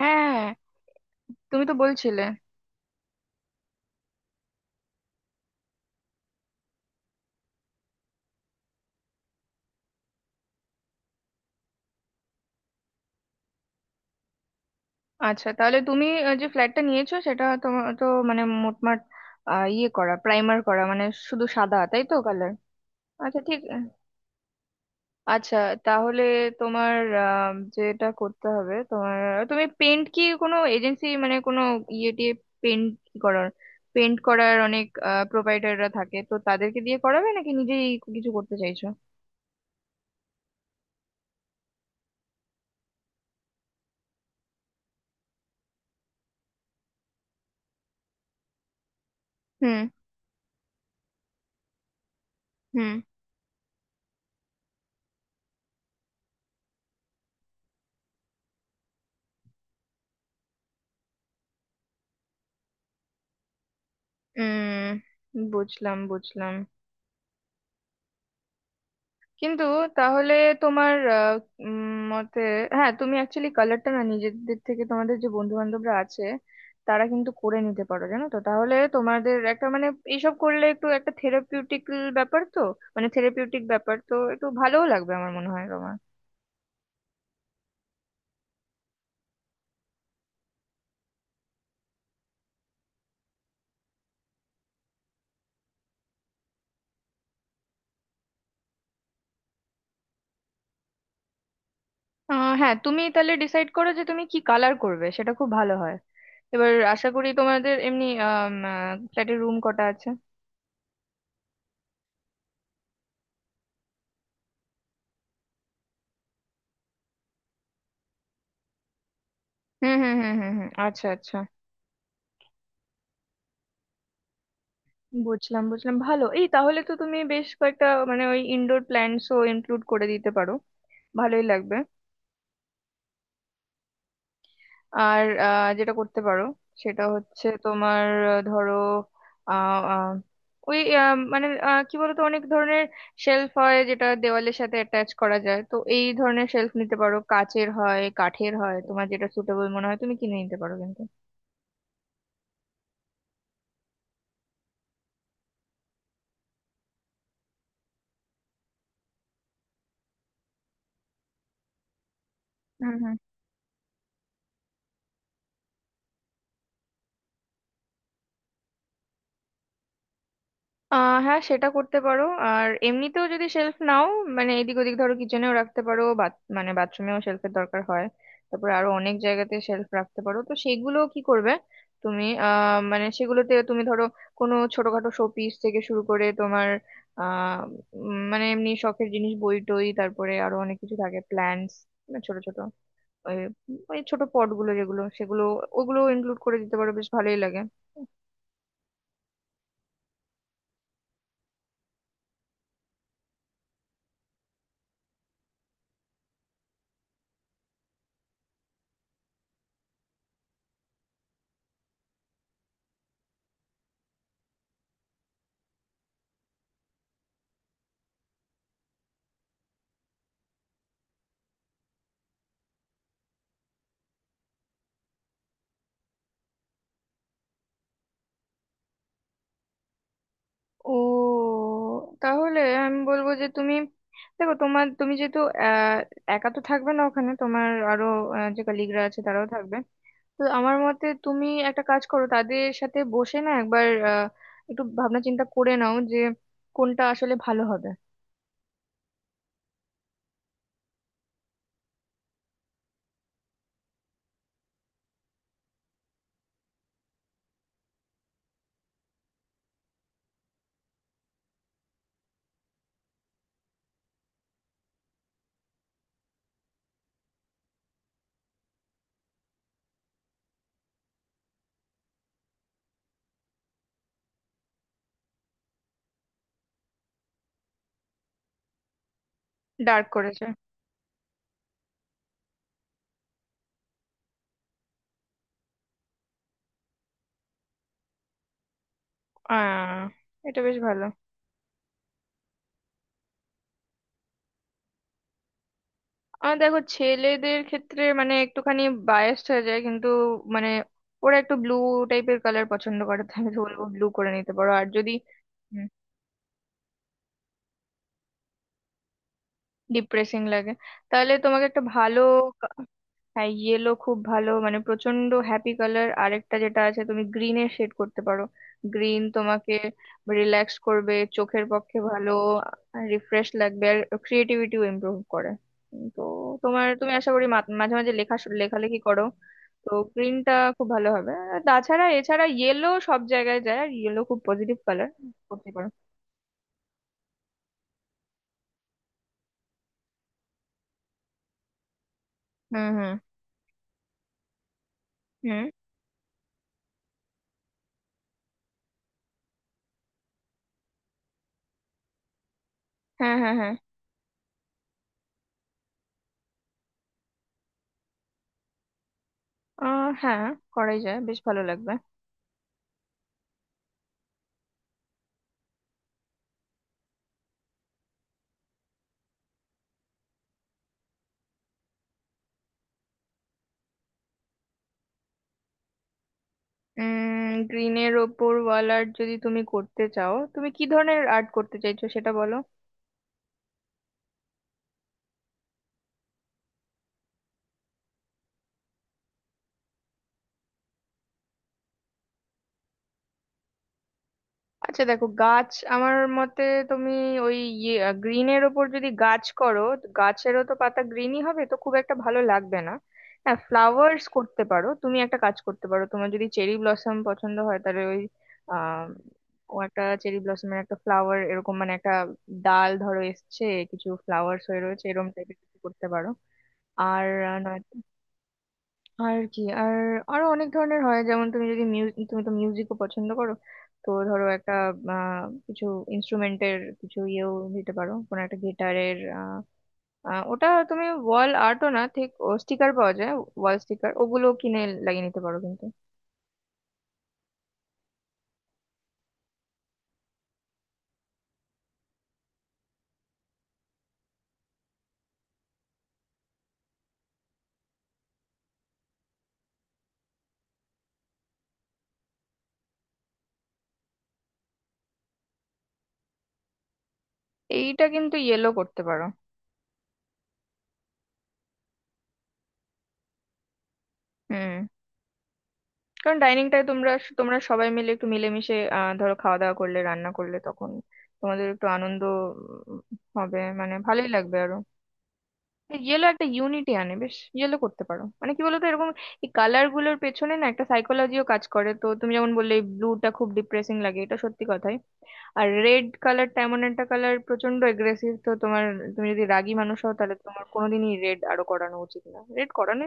হ্যাঁ হ্যাঁ, হ্যাঁ। তুমি তো বলছিলে। আচ্ছা, তাহলে তুমি যে ফ্ল্যাটটা নিয়েছো সেটা তোমার তো মানে মোটমাট করা, প্রাইমার করা, মানে শুধু সাদা, তাই তো কালার? আচ্ছা, ঠিক আচ্ছা। তাহলে তোমার যেটা করতে হবে তোমার, তুমি পেন্ট কি কোনো এজেন্সি মানে কোনো ইয়ে টিয়ে পেন্ট করার অনেক প্রোপাইটাররা থাকে, তো তাদেরকে দিয়ে করাবে নাকি নিজেই কিছু করতে চাইছো? হুম হুম। উম বুঝলাম বুঝলাম। কিন্তু তাহলে তোমার মতে, হ্যাঁ তুমি অ্যাকচুয়ালি কালারটা না নিজেদের থেকে, তোমাদের যে বন্ধু বান্ধবরা আছে তারা কিন্তু করে নিতে পারো, জানো তো? তাহলে তোমাদের একটা মানে এইসব করলে একটু একটা থেরাপিউটিক ব্যাপার তো, মানে থেরাপিউটিক ব্যাপার তো একটু ভালোও লাগবে আমার মনে হয় তোমার। হ্যাঁ, তুমি তাহলে ডিসাইড করো যে তুমি কি কালার করবে, সেটা খুব ভালো হয়। এবার আশা করি তোমাদের এমনি ফ্ল্যাটের রুম কটা আছে? হুম হুম হুম হুম হুম, আচ্ছা আচ্ছা। বুঝলাম বুঝলাম, ভালো। এই তাহলে তো তুমি বেশ কয়েকটা মানে ওই ইনডোর প্ল্যান্টসও ইনক্লুড করে দিতে পারো, ভালোই লাগবে। আর যেটা করতে পারো সেটা হচ্ছে তোমার, ধরো আহ, আহ, ওই মানে কি বলতো, অনেক ধরনের শেলফ হয় যেটা দেওয়ালের সাথে অ্যাটাচ করা যায়, তো এই ধরনের শেলফ নিতে পারো, কাচের হয় কাঠের হয়, তোমার যেটা সুটেবল মনে হয় তুমি কিনে নিতে পারো কিন্তু। হুম হুম। হ্যাঁ, সেটা করতে পারো আর এমনিতেও যদি শেলফ নাও, মানে এদিক ওদিক ধরো কিচেনেও রাখতে পারো, মানে বাথরুমেও শেলফের দরকার হয়। তারপরে আরো অনেক জায়গাতে শেলফ রাখতে পারো, তো সেগুলো কি করবে তুমি? মানে সেগুলোতে তুমি ধরো কোনো ছোটখাটো শোপিস থেকে শুরু করে তোমার আহ মানে এমনি শখের জিনিস, বই টই, তারপরে আরো অনেক কিছু থাকে, প্ল্যান্টস, ছোট ছোট ওই ওই ছোট পটগুলো যেগুলো সেগুলো, ওগুলো ইনক্লুড করে দিতে পারো, বেশ ভালোই লাগে। ও, তাহলে আমি বলবো যে তুমি দেখো তোমার, তুমি যেহেতু আহ, একা তো থাকবে না ওখানে, তোমার আরো যে কলিগরা আছে তারাও থাকবে, তো আমার মতে তুমি একটা কাজ করো, তাদের সাথে বসে না একবার একটু ভাবনা চিন্তা করে নাও যে কোনটা আসলে ভালো হবে। ডার্ক করেছে। আহ এটা বেশ ভালো। আর দেখো, ছেলেদের ক্ষেত্রে মানে একটুখানি বায়াসড হয়ে যায় কিন্তু, মানে ওরা একটু ব্লু টাইপের কালার পছন্দ করে, তাহলে বলবো ব্লু করে নিতে পারো। আর যদি ডিপ্রেসিং লাগে তাহলে তোমাকে একটা ভালো... হ্যাঁ, ইয়েলো খুব ভালো, মানে প্রচন্ড হ্যাপি কালার। আরেকটা যেটা আছে, তুমি গ্রিনের শেড করতে পারো। গ্রিন তোমাকে রিল্যাক্স করবে, চোখের পক্ষে ভালো, রিফ্রেশ লাগবে আর ক্রিয়েটিভিটিও ইমপ্রুভ করে। তো তোমার, তুমি আশা করি মাঝে মাঝে লেখা লেখালেখি করো। তো গ্রিনটা খুব ভালো হবে আর তাছাড়া এছাড়া ইয়েলো সব জায়গায় যায় আর ইয়েলো খুব পজিটিভ কালার, করতে পারো। হুম হুম হুম। হ্যাঁ হ্যাঁ হ্যাঁ। হ্যাঁ, করাই যায়, বেশ ভালো লাগবে। গ্রিনের ওপর ওয়াল আর্ট যদি তুমি করতে চাও, তুমি কি ধরনের আর্ট করতে চাইছো সেটা বলো। আচ্ছা, দেখো গাছ আমার মতে, তুমি ওই গ্রিনের ওপর যদি গাছ করো তো গাছেরও তো পাতা গ্রিনই হবে, তো খুব একটা ভালো লাগবে না। হ্যাঁ, ফ্লাওয়ার্স করতে পারো, তুমি একটা কাজ করতে পারো, তোমার যদি চেরি ব্লসম পছন্দ হয় তাহলে ওই আহ ও, একটা চেরি ব্লসমের একটা ফ্লাওয়ার, এরকম মানে একটা ডাল ধরো এসছে, কিছু ফ্লাওয়ার্স হয়ে রয়েছে, এরকম টাইপের কিছু করতে পারো আর নয় আর কি, আর আরো অনেক ধরনের হয়, যেমন তুমি যদি মিউজিক, তুমি তো মিউজিকও পছন্দ করো, তো ধরো একটা কিছু ইনস্ট্রুমেন্টের কিছু ইয়েও দিতে পারো, কোনো একটা গিটারের। ওটা তুমি ওয়াল আর্টও না ঠিক, স্টিকার পাওয়া যায়, ওয়াল স্টিকার ওগুলো কিনে লাগিয়ে নিতে পারো কিন্তু। এইটা কিন্তু ইয়েলো করতে পারো। হুম। কারণ ডাইনিংটায় তোমরা তোমরা সবাই মিলে একটু মিলেমিশে ধরো খাওয়া দাওয়া করলে, রান্না করলে, তখন তোমাদের একটু আনন্দ উম, হবে, মানে ভালোই লাগবে আরো। ইয়েলো একটা ইউনিটি আনে, বেশ ইয়েলো করতে পারো, মানে কি বলতো এরকম, এই কালার গুলোর পেছনে না একটা সাইকোলজিও কাজ করে, তো তুমি যেমন বললে ব্লুটা খুব ডিপ্রেসিং লাগে, এটা সত্যি কথাই। আর রেড কালারটা এমন একটা কালার, প্রচন্ড এগ্রেসিভ, তো তোমার, তুমি যদি রাগী মানুষ হও তাহলে তোমার কোনোদিনই রেড আরো করানো উচিত না, রেড করানো...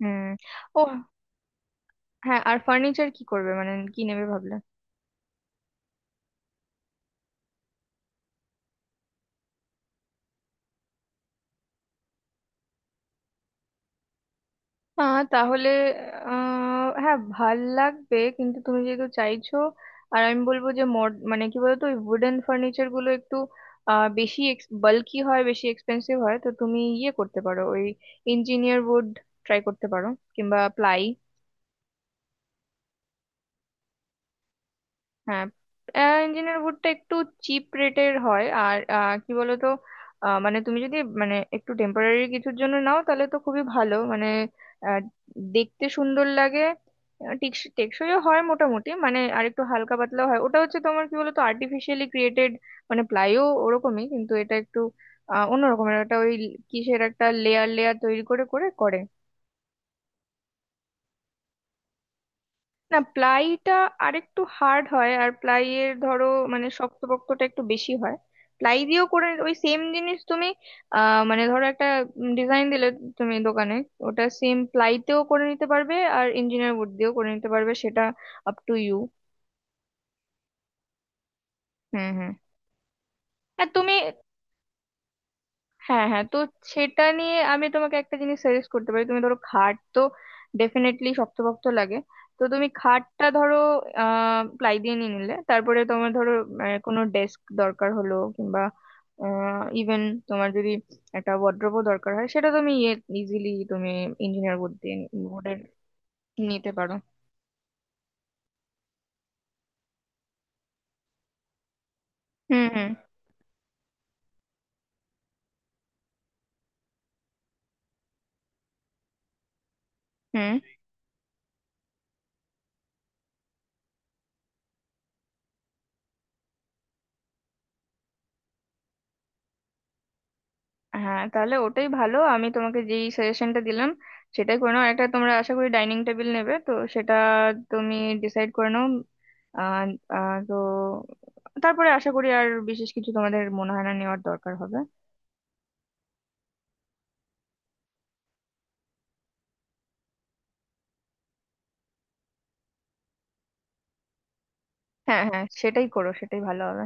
হুম। ও হ্যাঁ, আর ফার্নিচার কি করবে, মানে কি নেবে ভাবলে? তাহলে হ্যাঁ, ভাল লাগবে, কিন্তু তুমি যেহেতু চাইছো। আর আমি বলবো যে মড মানে কি বলতো ওই উডেন ফার্নিচার গুলো একটু বেশি বাল্কি হয়, বেশি এক্সপেন্সিভ হয়, তো তুমি ইয়ে করতে পারো, ওই ইঞ্জিনিয়ার উড ট্রাই করতে পারো কিংবা প্লাই। হ্যাঁ, ইঞ্জিনিয়ার ভুট্টা একটু চিপ রেটের হয় আর কি বলতো মানে তুমি যদি মানে একটু টেম্পোরারি কিছুর জন্য নাও তাহলে তো খুবই ভালো, মানে আহ, দেখতে সুন্দর লাগে, টেকসইও হয় মোটামুটি, মানে আর একটু হালকা পাতলাও হয়, ওটা হচ্ছে তোমার কি বলতো আর্টিফিশিয়ালি ক্রিয়েটেড, মানে প্লাইও ওরকমই, কিন্তু এটা একটু অন্যরকমের একটা ওই কিসের একটা লেয়ার লেয়ার তৈরি করে করে করে। না, প্লাইটা আরেকটু হার্ড হয়, আর প্লাইয়ের ধরো মানে শক্তপোক্তটা একটু বেশি হয়। প্লাই দিয়েও করে ওই সেম জিনিস তুমি, মানে ধরো একটা ডিজাইন দিলে তুমি দোকানে, ওটা সেম প্লাইতেও করে নিতে পারবে আর ইঞ্জিনিয়ার উড দিয়েও করে নিতে পারবে, সেটা আপ টু ইউ। হুম হুম। আর তুমি... হ্যাঁ হ্যাঁ, তো সেটা নিয়ে আমি তোমাকে একটা জিনিস সাজেস্ট করতে পারি। তুমি ধরো খাট তো ডেফিনেটলি শক্তপোক্ত লাগে, তো তুমি খাটটা ধরো প্লাই দিয়ে নিয়ে নিলে, তারপরে তোমার ধরো কোনো ডেস্ক দরকার হলো কিংবা ইভেন তোমার যদি একটা ওয়ার্ড্রোবও দরকার হয়, সেটা তুমি ইজিলি তুমি ইঞ্জিনিয়ার বোর্ড দিয়ে, বোর্ডের নিতে পারো। হুম হুম হুম। হ্যাঁ, তাহলে ওটাই ভালো। আমি তোমাকে যেই সাজেশনটা দিলাম সেটাই করে নাও। একটা তোমরা আশা করি ডাইনিং টেবিল নেবে, তো সেটা তুমি ডিসাইড করে নাও। আহ, আহ, তো তারপরে আশা করি আর বিশেষ কিছু তোমাদের মনে হয় না নেওয়ার দরকার হবে। হ্যাঁ হ্যাঁ, সেটাই করো, সেটাই ভালো হবে।